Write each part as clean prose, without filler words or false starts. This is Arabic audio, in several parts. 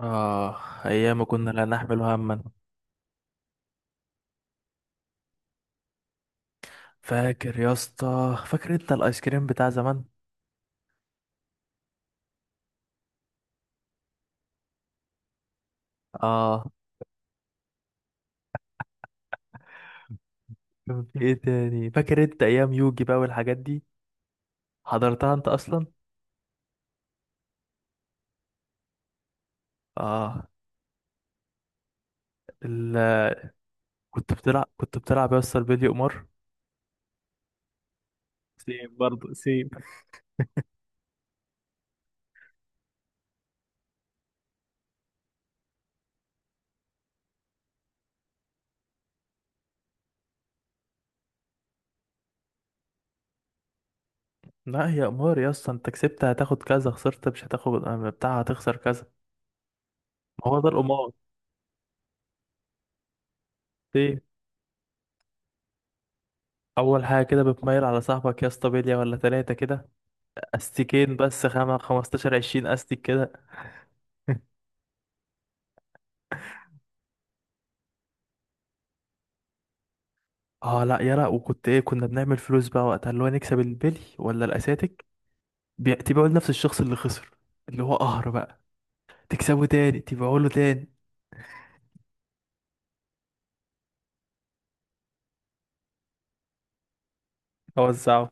آه. أيام كنا لا نحمل هما. فاكر يا اسطى؟ فاكر أنت الآيس كريم بتاع زمان؟ آه. كان في إيه تاني؟ فاكر أنت أيام يوجي بقى والحاجات دي؟ حضرتها أنت أصلا؟ آه ال... كنت بتلعب يا اسطى البيلي قمار؟ سيب برضه سيب. لا، هي قمار يا اسطى. أنت كسبت هتاخد كذا، خسرت مش هتاخد. بتاع، هتخسر كذا. ما هو ده القمار. إيه؟ أول حاجة كده بتميل على صاحبك يا اسطى، بلية ولا تلاتة كده. أستيكين بس، 5، 15، 20 أستيك كده. اه، لا، يلا. وكنت ايه؟ كنا بنعمل فلوس بقى وقتها، اللي هو نكسب البلي ولا الاساتك. تبيعه لنفس الشخص اللي خسر، اللي هو قهر بقى. تكسبه تاني، تبيعه له تاني. اوزعه.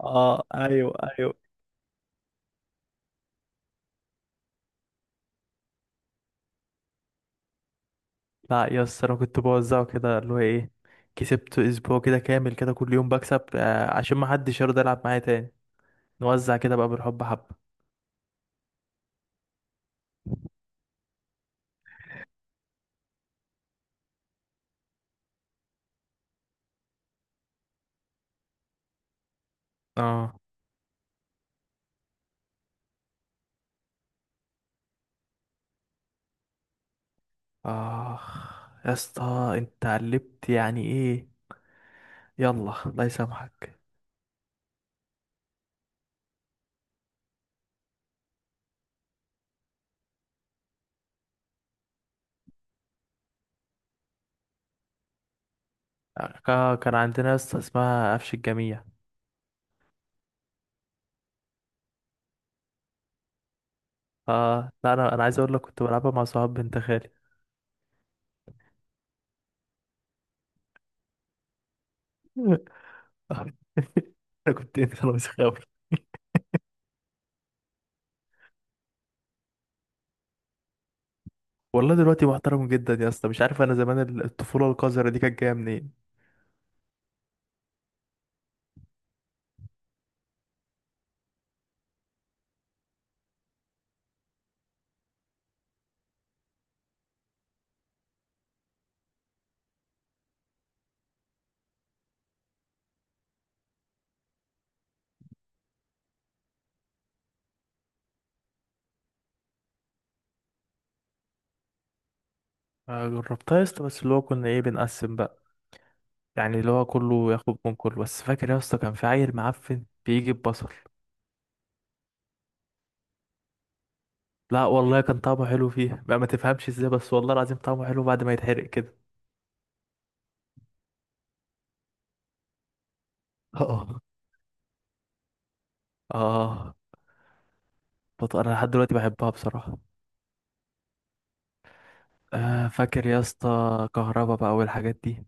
اه، ايوه، ايوه. لا يا اسطى، انا كنت بوزعه كده. اللي هو ايه؟ كسبت اسبوع كده كامل، كده كل يوم بكسب. آه، عشان ما حدش يرضى يلعب معايا تاني. نوزع كده بقى بالحب حبه. اه. اخ. يا اسطى انت قلبت يعني ايه! يلا الله يسامحك. آه، كان عندنا يا اسطى اسمها قفش الجميع. اه، لا، انا عايز اقول لك كنت بلعبها مع صحاب بنت خالي. آه. انا كنت، انت، انا مش خاوي. والله دلوقتي محترم جدا يا اسطى. مش عارف، انا زمان الطفوله القذره دي كانت جايه منين. آه، جربتها يا اسطى، بس اللي هو كنا ايه، بنقسم بقى. يعني اللي هو كله ياخد من كله. بس فاكر يا اسطى كان في عيل معفن بيجي ببصل؟ لا والله، كان طعمه حلو فيها بقى. ما تفهمش ازاي، بس والله العظيم طعمه حلو بعد ما يتحرق كده. اه. اه. انا لحد دلوقتي بحبها بصراحه. آه، فاكر يا اسطى كهربا بقى والحاجات دي؟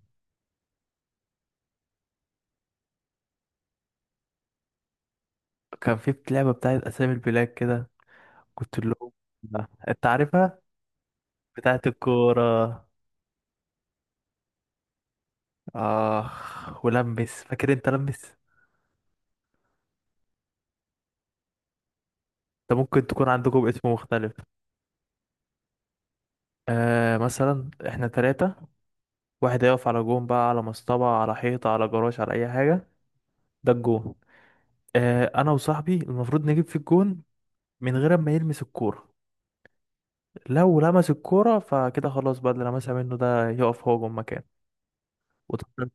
كان في لعبة بتاعت أسامي البلاد كده، كنت اللي هو آه، أنت عارفها، بتاعت الكورة. آه، ولمس، فاكر أنت لمس؟ ده ممكن تكون عندكم اسم مختلف. آه، مثلا إحنا تلاتة. واحد هيقف على جون، بقى على مصطبة، على حيطة، على جراج، على أي حاجة، ده الجون. آه، أنا وصاحبي المفروض نجيب في الجون من غير ما يلمس الكورة. لو لمس الكورة فكده خلاص، بقى اللي لمسها منه ده يقف هو جون مكانه. وطبعا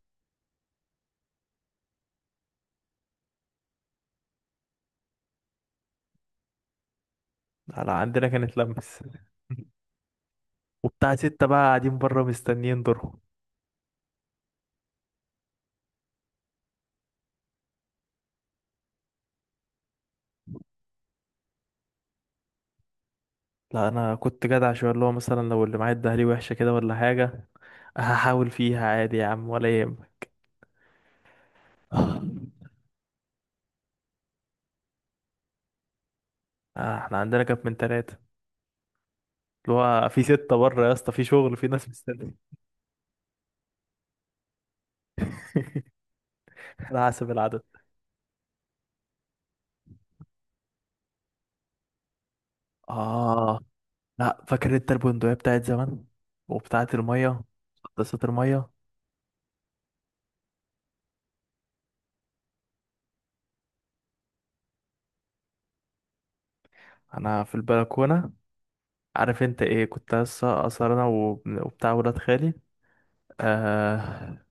على عندنا كانت لمس. وبتاع ستة بقى قاعدين بره مستنيين دورهم. لا، انا كنت جدع شويه، اللي هو مثلا لو اللي معايا اداها لي وحشه كده ولا حاجه، هحاول فيها عادي يا عم، ولا يهمك. آه، احنا عندنا كانت من ثلاثه، اللي هو في ستة بره يا اسطى، في شغل، في ناس مستنيه. انا حاسب العدد. اه، لا فاكر انت البندقيه بتاعت زمان؟ وبتاعت الميه، مسدسات الميه؟ انا في البلكونه. عارف انت ايه؟ كنت لسه اصلا انا وبتاع ولاد خالي. آه،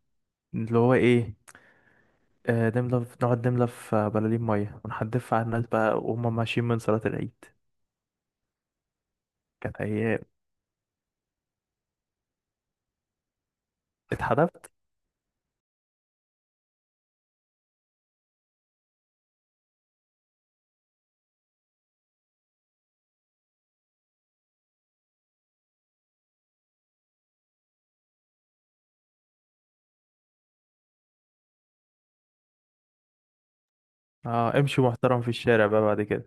اللي هو ايه؟ نملى في، نقعد نملى في بلالين 100 ونحدفها على الناس بقى وهم ماشيين من صلاة العيد. كانت أيام. اتحدفت. اه، امشي محترم في الشارع بقى بعد كده.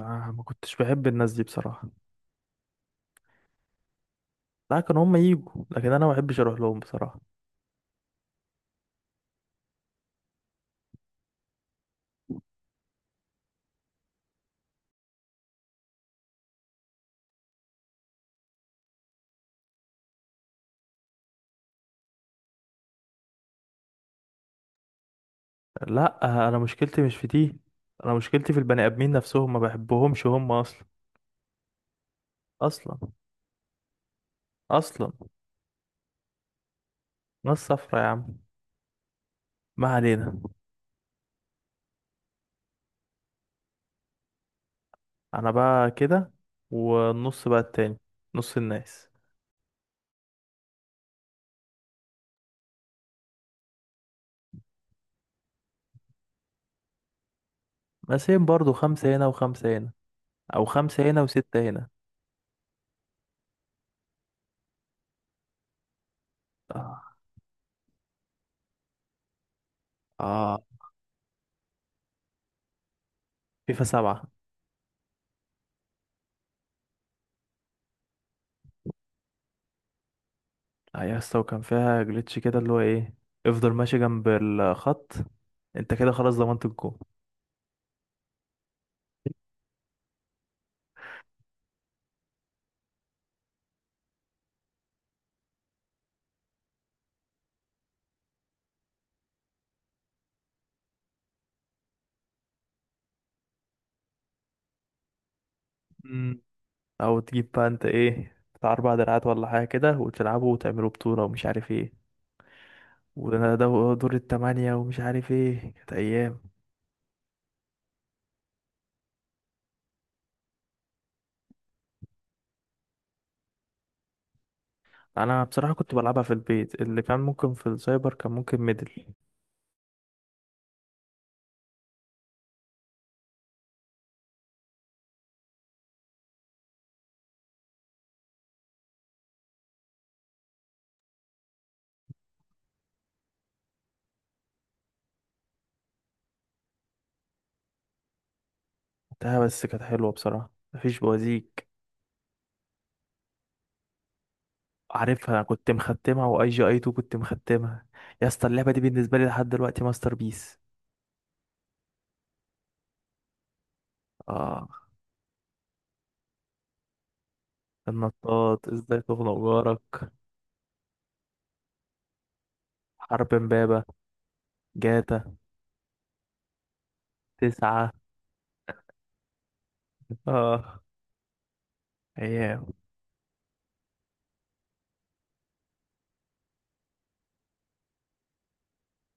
آه، ما كنتش بحب الناس دي بصراحة. لا، كانوا هم يجوا، لكن أنا ما بحبش أروح لهم بصراحة. لا، آه، أنا مشكلتي مش في دي. أنا مشكلتي في البني آدمين نفسهم، ما بحبهمش هم أصلا. أصلا، أصلا. ناس صفرا يا عم. ما علينا. انا بقى كده، والنص بقى التاني، نص الناس مقسمين برضو، خمسة هنا وخمسة هنا، او خمسة هنا وستة هنا. اه. اه. فيفا 7! اه يا اسطى، وكان فيها جليتش كده اللي هو ايه، افضل ماشي جنب الخط، انت كده خلاص ضمنت الجول. مم. او تجيب بقى انت ايه بتاع اربع دراعات ولا حاجة كده، وتلعبوا وتعملوا بطولة ومش عارف ايه، وده دور التمانية ومش عارف ايه. كانت ايام. انا بصراحه كنت بلعبها في البيت، اللي كان ممكن في السايبر كان ممكن ميدل. لعبتها بس، كانت حلوه بصراحه، مفيش بوازيك. عارفها، انا كنت مختمها، واي جي اي 2 كنت مختمها. يا اسطى اللعبه دي بالنسبه لي لحد دلوقتي ماستر بيس. اه، النطاط، ازاي تخنق جارك، حرب امبابه، جاتا 9. اه، ايام.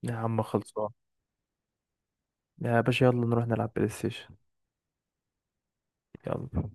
يا عم خلصان. يا باشا يلا نروح نلعب بلاي ستيشن. يلا.